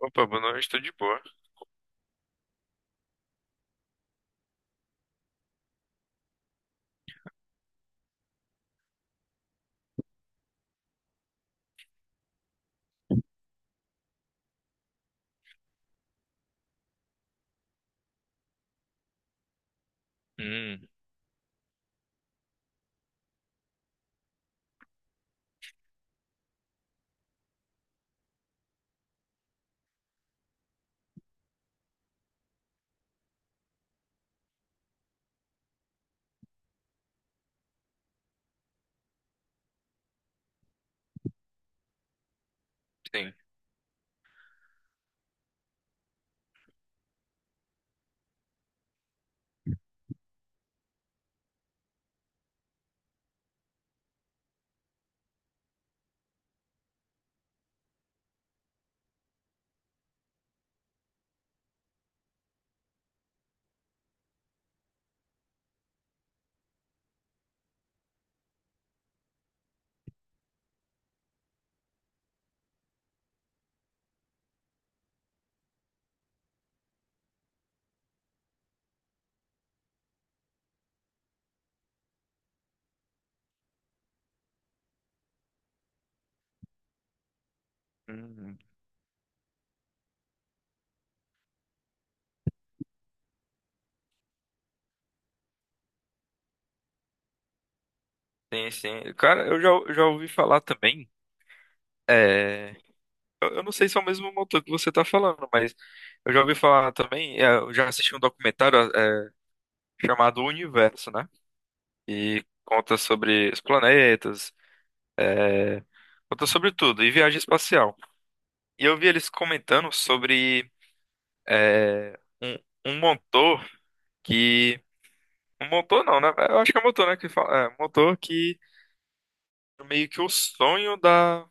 Opa, boa noite, estou de boa. Sim. Uhum. Sim, sim. Cara, eu já ouvi falar também. É... eu não sei se é o mesmo motor que você está falando, mas eu já ouvi falar também. Eu já assisti um documentário chamado O Universo, né? E conta sobre os planetas, é, conta sobre tudo, e viagem espacial. E eu vi eles comentando sobre é, um, um motor que. Um motor não, né? Eu acho que é motor, né? Que fala, é, motor que meio que o sonho da.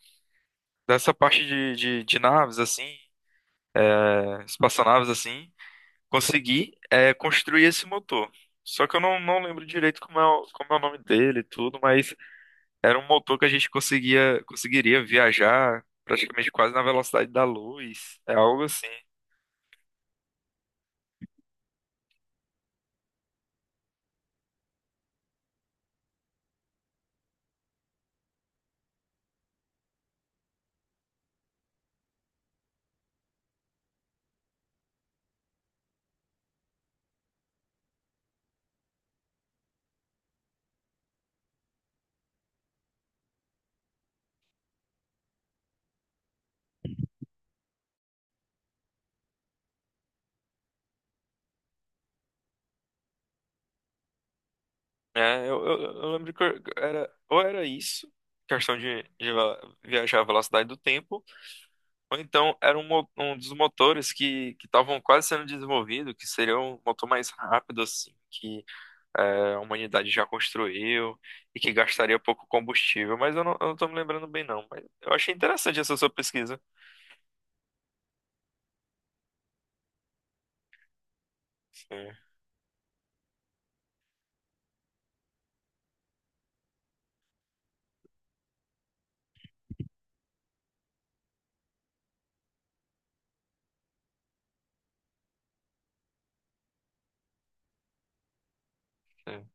Dessa parte de naves, assim, é, espaçonaves, assim, consegui é, construir esse motor. Só que eu não, não lembro direito como é o nome dele e tudo, mas era um motor que a gente conseguiria viajar praticamente quase na velocidade da luz. É algo assim. É, eu lembro que era, ou era isso, questão de, viajar à velocidade do tempo, ou então era um dos motores que estavam quase sendo desenvolvido, que seria um motor mais rápido, assim, é, a humanidade já construiu e que gastaria pouco combustível, mas eu não tô me lembrando bem, não. Mas eu achei interessante essa sua pesquisa. Sim, sim.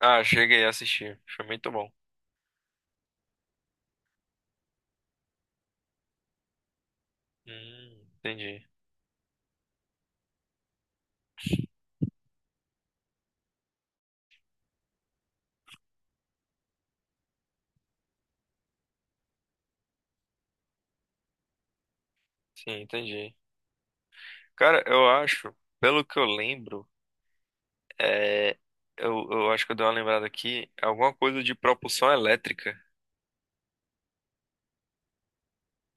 Ah, cheguei a assistir. Foi muito bom. Entendi. Sim, entendi. Cara, eu acho, pelo que eu lembro, é, eu acho que eu dei uma lembrada aqui, alguma coisa de propulsão elétrica.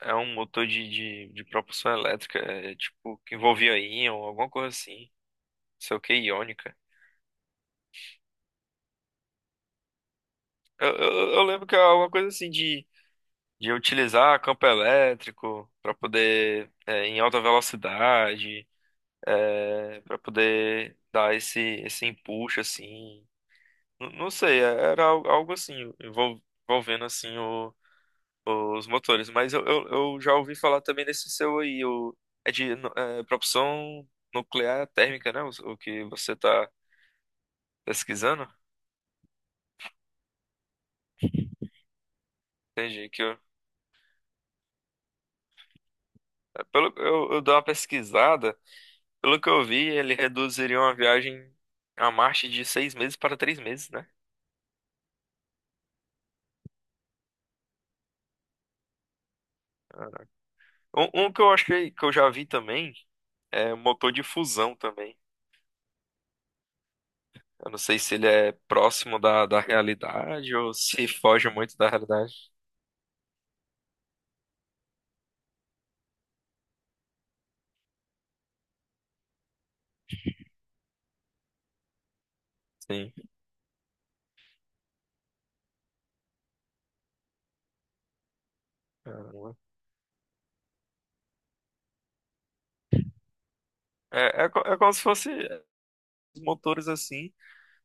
É um motor de propulsão elétrica, é, tipo, que envolvia íon, alguma coisa assim. Não sei o que, iônica. Eu lembro que é alguma coisa assim de utilizar campo elétrico para poder é, em alta velocidade, é, para poder dar esse empuxo assim. Não, sei, era algo assim envolvendo assim os motores, mas eu já ouvi falar também desse seu aí, o é de nu- é, propulsão nuclear térmica, né? O que você está pesquisando? Entendi que eu, é, pelo, eu dou uma pesquisada. Pelo que eu vi, ele reduziria uma viagem a Marte de 6 meses para 3 meses, né? Um que eu achei que eu já vi também é motor de fusão também. Eu não sei se ele é próximo da, da realidade ou se foge muito da realidade. Sim. Caramba. É como se fosse os motores assim.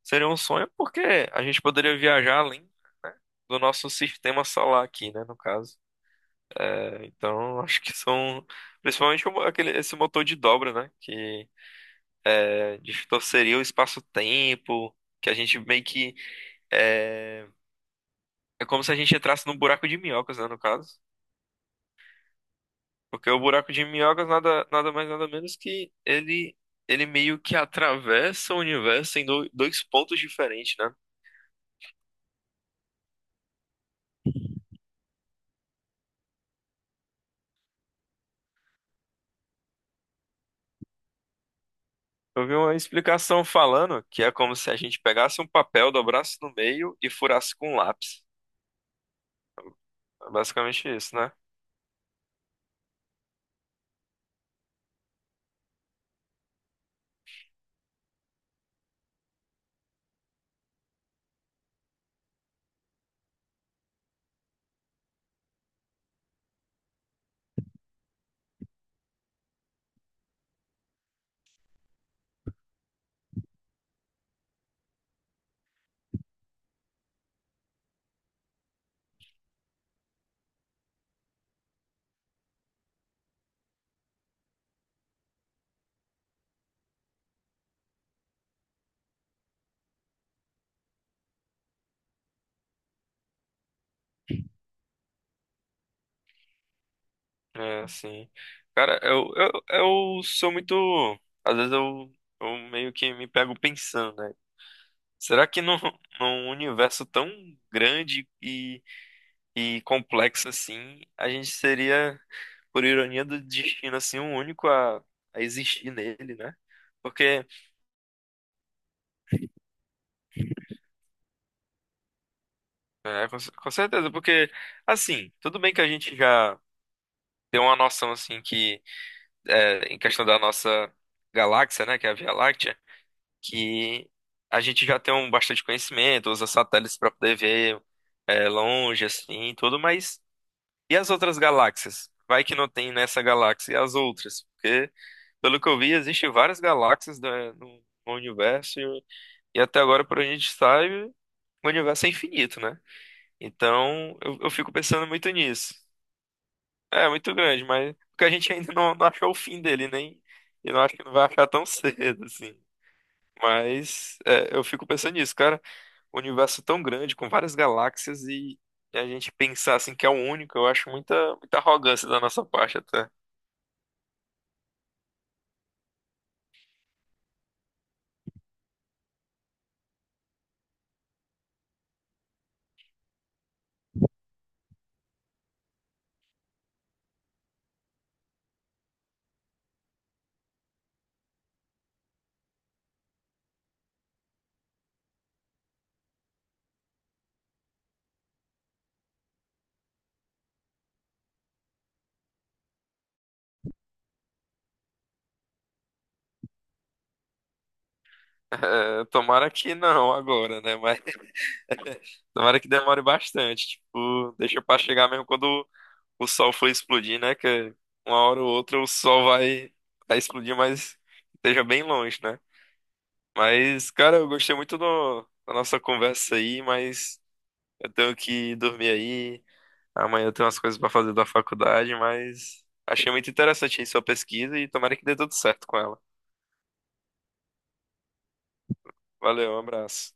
Seria um sonho porque a gente poderia viajar além, né, do nosso sistema solar aqui, né, no caso. Então, acho que são principalmente esse motor de dobra, né, que distorceria o espaço-tempo, que a gente meio que é, é como se a gente entrasse num buraco de minhocas, né, no caso. Porque o buraco de minhocas nada, nada mais nada menos que ele meio que atravessa o universo em dois pontos diferentes, né? Eu vi uma explicação falando que é como se a gente pegasse um papel, dobrasse no meio e furasse com um lápis. É basicamente isso, né? É assim. Cara, eu sou muito. Às vezes eu meio que me pego pensando, né? Será que num, num universo tão grande e complexo assim, a gente seria, por ironia do destino, assim, o único a existir nele, né? Porque, com certeza, porque, assim, tudo bem que a gente já tem uma noção, assim, que, é, em questão da nossa galáxia, né, que é a Via Láctea, que a gente já tem um bastante conhecimento, usa satélites para poder ver, é, longe, assim, tudo, mas. E as outras galáxias? Vai que não tem nessa galáxia as outras? Porque, pelo que eu vi, existem várias no, no universo e até agora, por onde a gente sabe, o universo é infinito, né? Então, eu fico pensando muito nisso. É, muito grande, mas porque a gente ainda não achou o fim dele, nem, e não acho que não vai achar tão cedo, assim. Mas é, eu fico pensando nisso, cara. O universo tão grande, com várias galáxias e a gente pensar assim que é o único, eu acho muita, muita arrogância da nossa parte até. É, tomara que não agora, né? Mas tomara que demore bastante. Tipo, deixa pra chegar mesmo quando o sol for explodir, né? Que uma hora ou outra vai explodir, mas esteja bem longe, né? Mas, cara, eu gostei muito da nossa conversa aí, mas eu tenho que dormir aí. Amanhã eu tenho umas coisas pra fazer da faculdade, mas achei muito interessante aí sua pesquisa e tomara que dê tudo certo com ela. Valeu, um abraço.